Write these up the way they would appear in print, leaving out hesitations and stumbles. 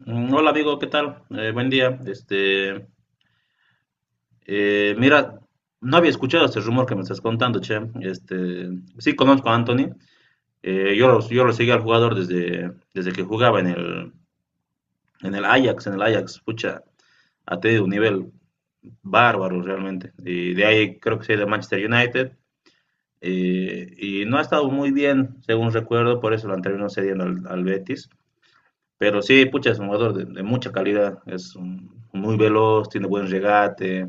Hola amigo, ¿qué tal? Buen día. Eh, mira, no había escuchado este rumor que me estás contando, che. Sí conozco a Anthony. Yo lo seguí al jugador desde que jugaba en el Ajax, en el Ajax. Pucha, ha tenido un nivel bárbaro realmente. Y de ahí creo que se ha ido Manchester United. Y no ha estado muy bien, según recuerdo, por eso lo han terminado cediendo al Betis. Pero sí, pucha, es un jugador de mucha calidad. Muy veloz, tiene buen regate.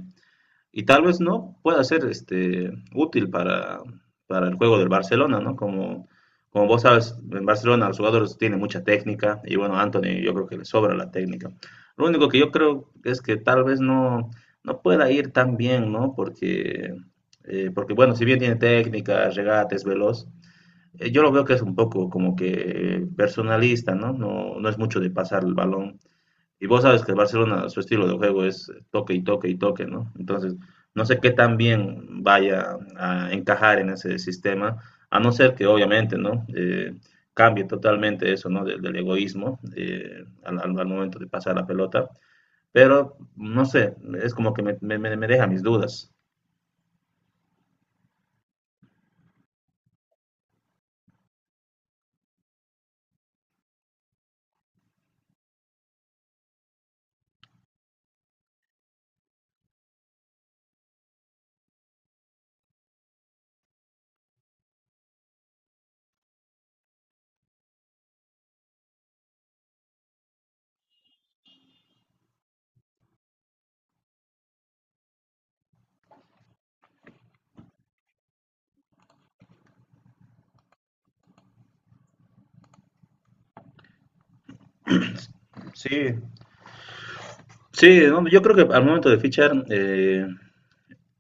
Y tal vez no pueda ser este, útil para el juego del Barcelona, ¿no? Como vos sabes, en Barcelona los jugadores tienen mucha técnica y bueno, Anthony yo creo que le sobra la técnica. Lo único que yo creo es que tal vez no, no pueda ir tan bien, ¿no? Porque bueno, si bien tiene técnica, regate, es veloz, yo lo veo que es un poco como que personalista, ¿no? No, no es mucho de pasar el balón. Y vos sabes que el Barcelona, su estilo de juego es toque y toque y toque, ¿no? Entonces, no sé qué tan bien vaya a encajar en ese sistema, a no ser que obviamente, ¿no? Cambie totalmente eso, ¿no? Del egoísmo al momento de pasar la pelota. Pero, no sé, es como que me deja mis dudas. Sí, sí, no, yo creo que al momento de fichar,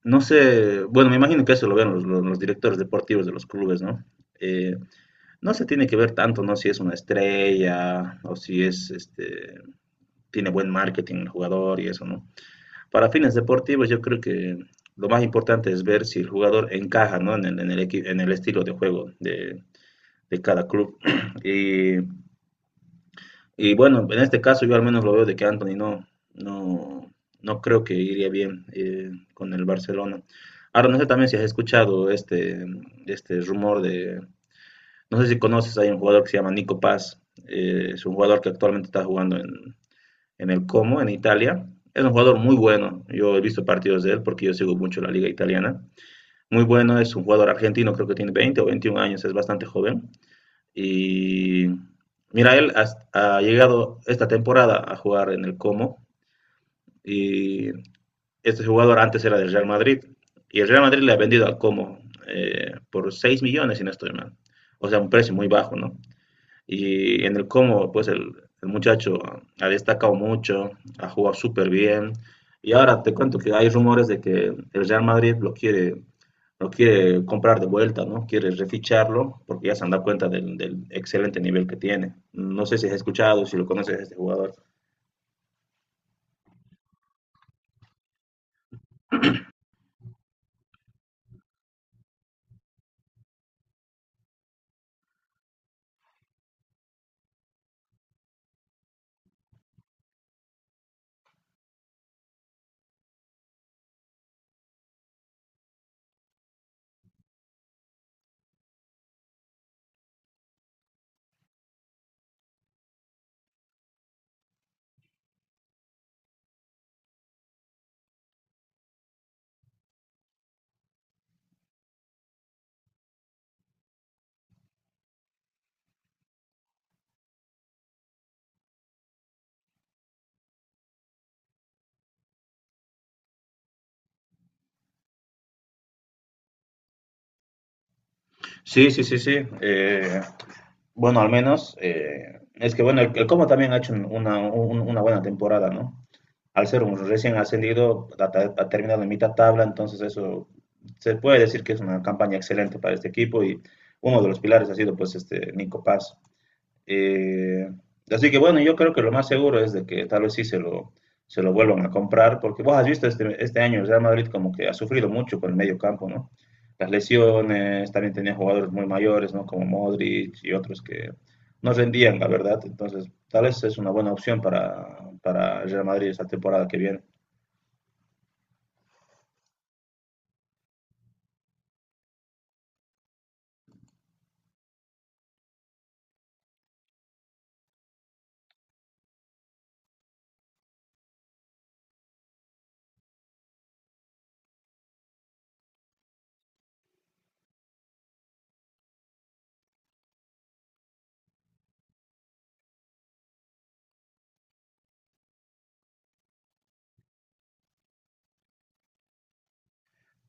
no sé, bueno, me imagino que eso lo ven los directores deportivos de los clubes, ¿no? Eh, No se tiene que ver tanto, ¿no? Si es una estrella o si es, este, tiene buen marketing el jugador y eso, ¿no? Para fines deportivos yo creo que lo más importante es ver si el jugador encaja, ¿no? En el estilo de juego de cada club. Y, y bueno, en este caso yo al menos lo veo de que Anthony no, no creo que iría bien con el Barcelona. Ahora no sé también si has escuchado este rumor de, no sé si conoces, hay un jugador que se llama Nico Paz, es un jugador que actualmente está jugando en el Como, en Italia. Es un jugador muy bueno, yo he visto partidos de él porque yo sigo mucho la liga italiana. Muy bueno, es un jugador argentino, creo que tiene 20 o 21 años, es bastante joven. Y mira, él ha llegado esta temporada a jugar en el Como y este jugador antes era del Real Madrid y el Real Madrid le ha vendido al Como por 6 millones, si no estoy mal. O sea, un precio muy bajo, ¿no? Y en el Como, el muchacho ha destacado mucho, ha jugado súper bien. Y ahora te cuento que hay rumores de que el Real Madrid lo quiere comprar de vuelta, ¿no? Quiere reficharlo porque ya se han dado cuenta del excelente nivel que tiene. No sé si has escuchado, si lo conoces a este jugador. Sí, sí, sí, sí. Bueno, al menos es que bueno, el Como también ha hecho una buena temporada, ¿no? Al ser un recién ascendido, ha terminado en mitad tabla, entonces eso se puede decir que es una campaña excelente para este equipo y uno de los pilares ha sido pues este Nico Paz. Eh, Así que bueno, yo creo que lo más seguro es de que tal vez sí se lo vuelvan a comprar, porque vos has visto este año el Real Madrid como que ha sufrido mucho con el medio campo, ¿no? Las lesiones, también tenía jugadores muy mayores, ¿no? Como Modric y otros que no rendían, la verdad. Entonces, tal vez es una buena opción para el Real Madrid esta temporada que viene.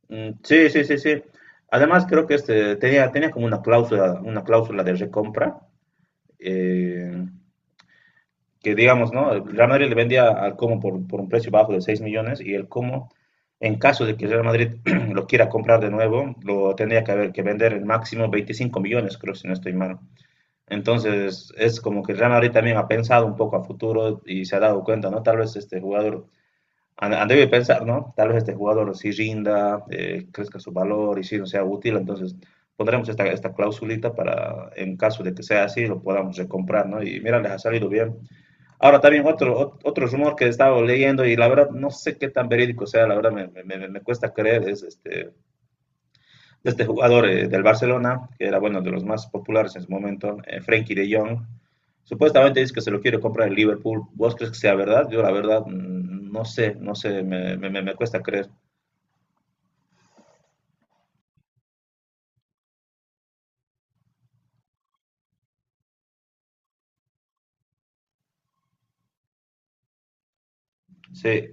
Sí, sí, sí, sí. Además, creo que este tenía como una cláusula de recompra. eh, que digamos, ¿no? El Real Madrid le vendía al Como por un precio bajo de 6 millones y el Como, en caso de que el Real Madrid lo quiera comprar de nuevo, lo tendría que haber que vender en máximo 25 millones, creo, si no estoy mal. Entonces, es como que el Real Madrid también ha pensado un poco a futuro y se ha dado cuenta, ¿no? Tal vez este jugador, han debido pensar, ¿no? Tal vez este jugador sí rinda, crezca su valor y sí no sea útil, entonces pondremos esta clausulita para, en caso de que sea así, lo podamos recomprar, ¿no? Y mira, les ha salido bien. Ahora también otro rumor que estaba leyendo y la verdad no sé qué tan verídico sea, la verdad me cuesta creer, es este, este jugador del Barcelona, que era bueno de los más populares en su momento, Frenkie de Jong, supuestamente dice que se lo quiere comprar el Liverpool, ¿vos crees que sea verdad? Yo la verdad no sé, no sé, me cuesta creer. Sí,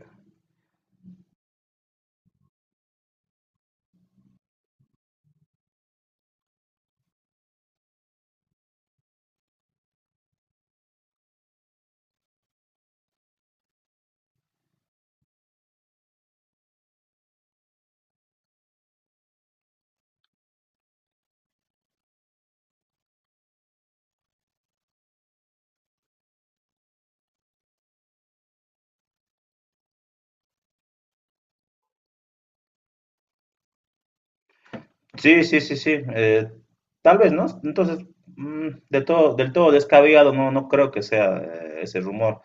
sí, sí, sí, sí, tal vez, ¿no? Entonces, del todo descabellado no creo que sea ese rumor.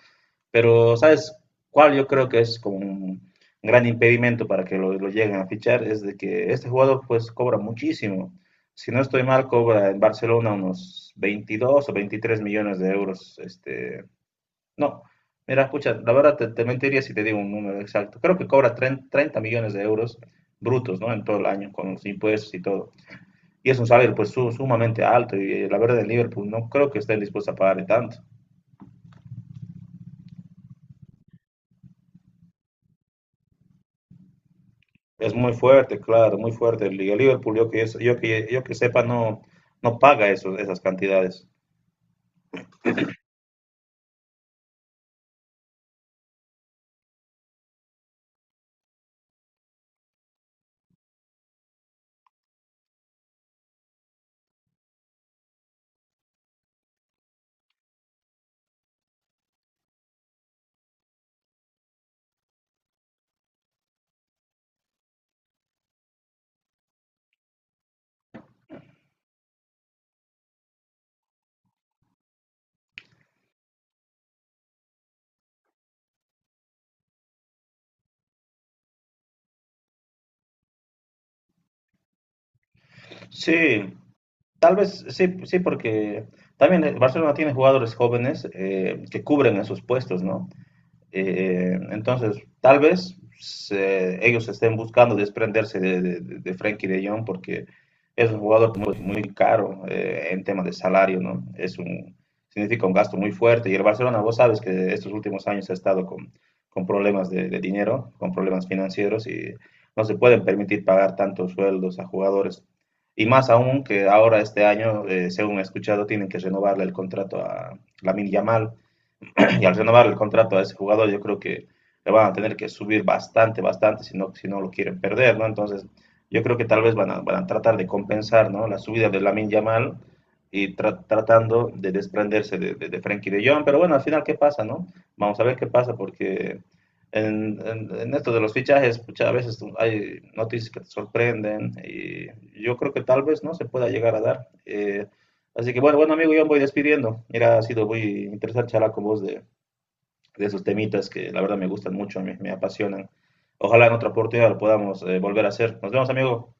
Pero, ¿sabes cuál? Yo creo que es como un gran impedimento para que lo lleguen a fichar, es de que este jugador pues cobra muchísimo. Si no estoy mal, cobra en Barcelona unos 22 o 23 millones de euros. Este, no, mira, escucha, la verdad te mentiría si te digo un número exacto. Creo que cobra 30 millones de euros brutos, ¿no? En todo el año, con los impuestos y todo. Y es un salario sumamente alto y la verdad el Liverpool no creo que esté dispuesto a pagarle tanto. Es muy fuerte, claro, muy fuerte. El Liga Liverpool, yo que sepa, no paga esas cantidades. Sí, tal vez sí, sí, porque también el Barcelona tiene jugadores jóvenes que cubren esos puestos, ¿no? Entonces, ellos estén buscando desprenderse de Frenkie de Jong porque es un jugador muy caro en tema de salario, ¿no? Significa un gasto muy fuerte. Y el Barcelona, vos sabes que estos últimos años ha estado con problemas de dinero, con problemas financieros y no se pueden permitir pagar tantos sueldos a jugadores. Y más aún que ahora este año, según he escuchado, tienen que renovarle el contrato a Lamine Yamal y al renovar el contrato a ese jugador, yo creo que le van a tener que subir bastante, bastante, si no, si no lo quieren perder, ¿no? Entonces, yo creo que tal vez van a tratar de compensar, ¿no? La subida de Lamin Yamal y tratando de desprenderse Frankie de Jong, pero bueno, al final, ¿qué pasa, no? Vamos a ver qué pasa, porque en esto de los fichajes, muchas pues, veces hay noticias que te sorprenden, y yo creo que tal vez, ¿no? Se pueda llegar a dar. Así que bueno, amigo, yo me voy despidiendo. Mira, ha sido muy interesante charlar con vos de esos temitas que la verdad me gustan mucho, me apasionan. Ojalá en otra oportunidad lo podamos volver a hacer. Nos vemos, amigo.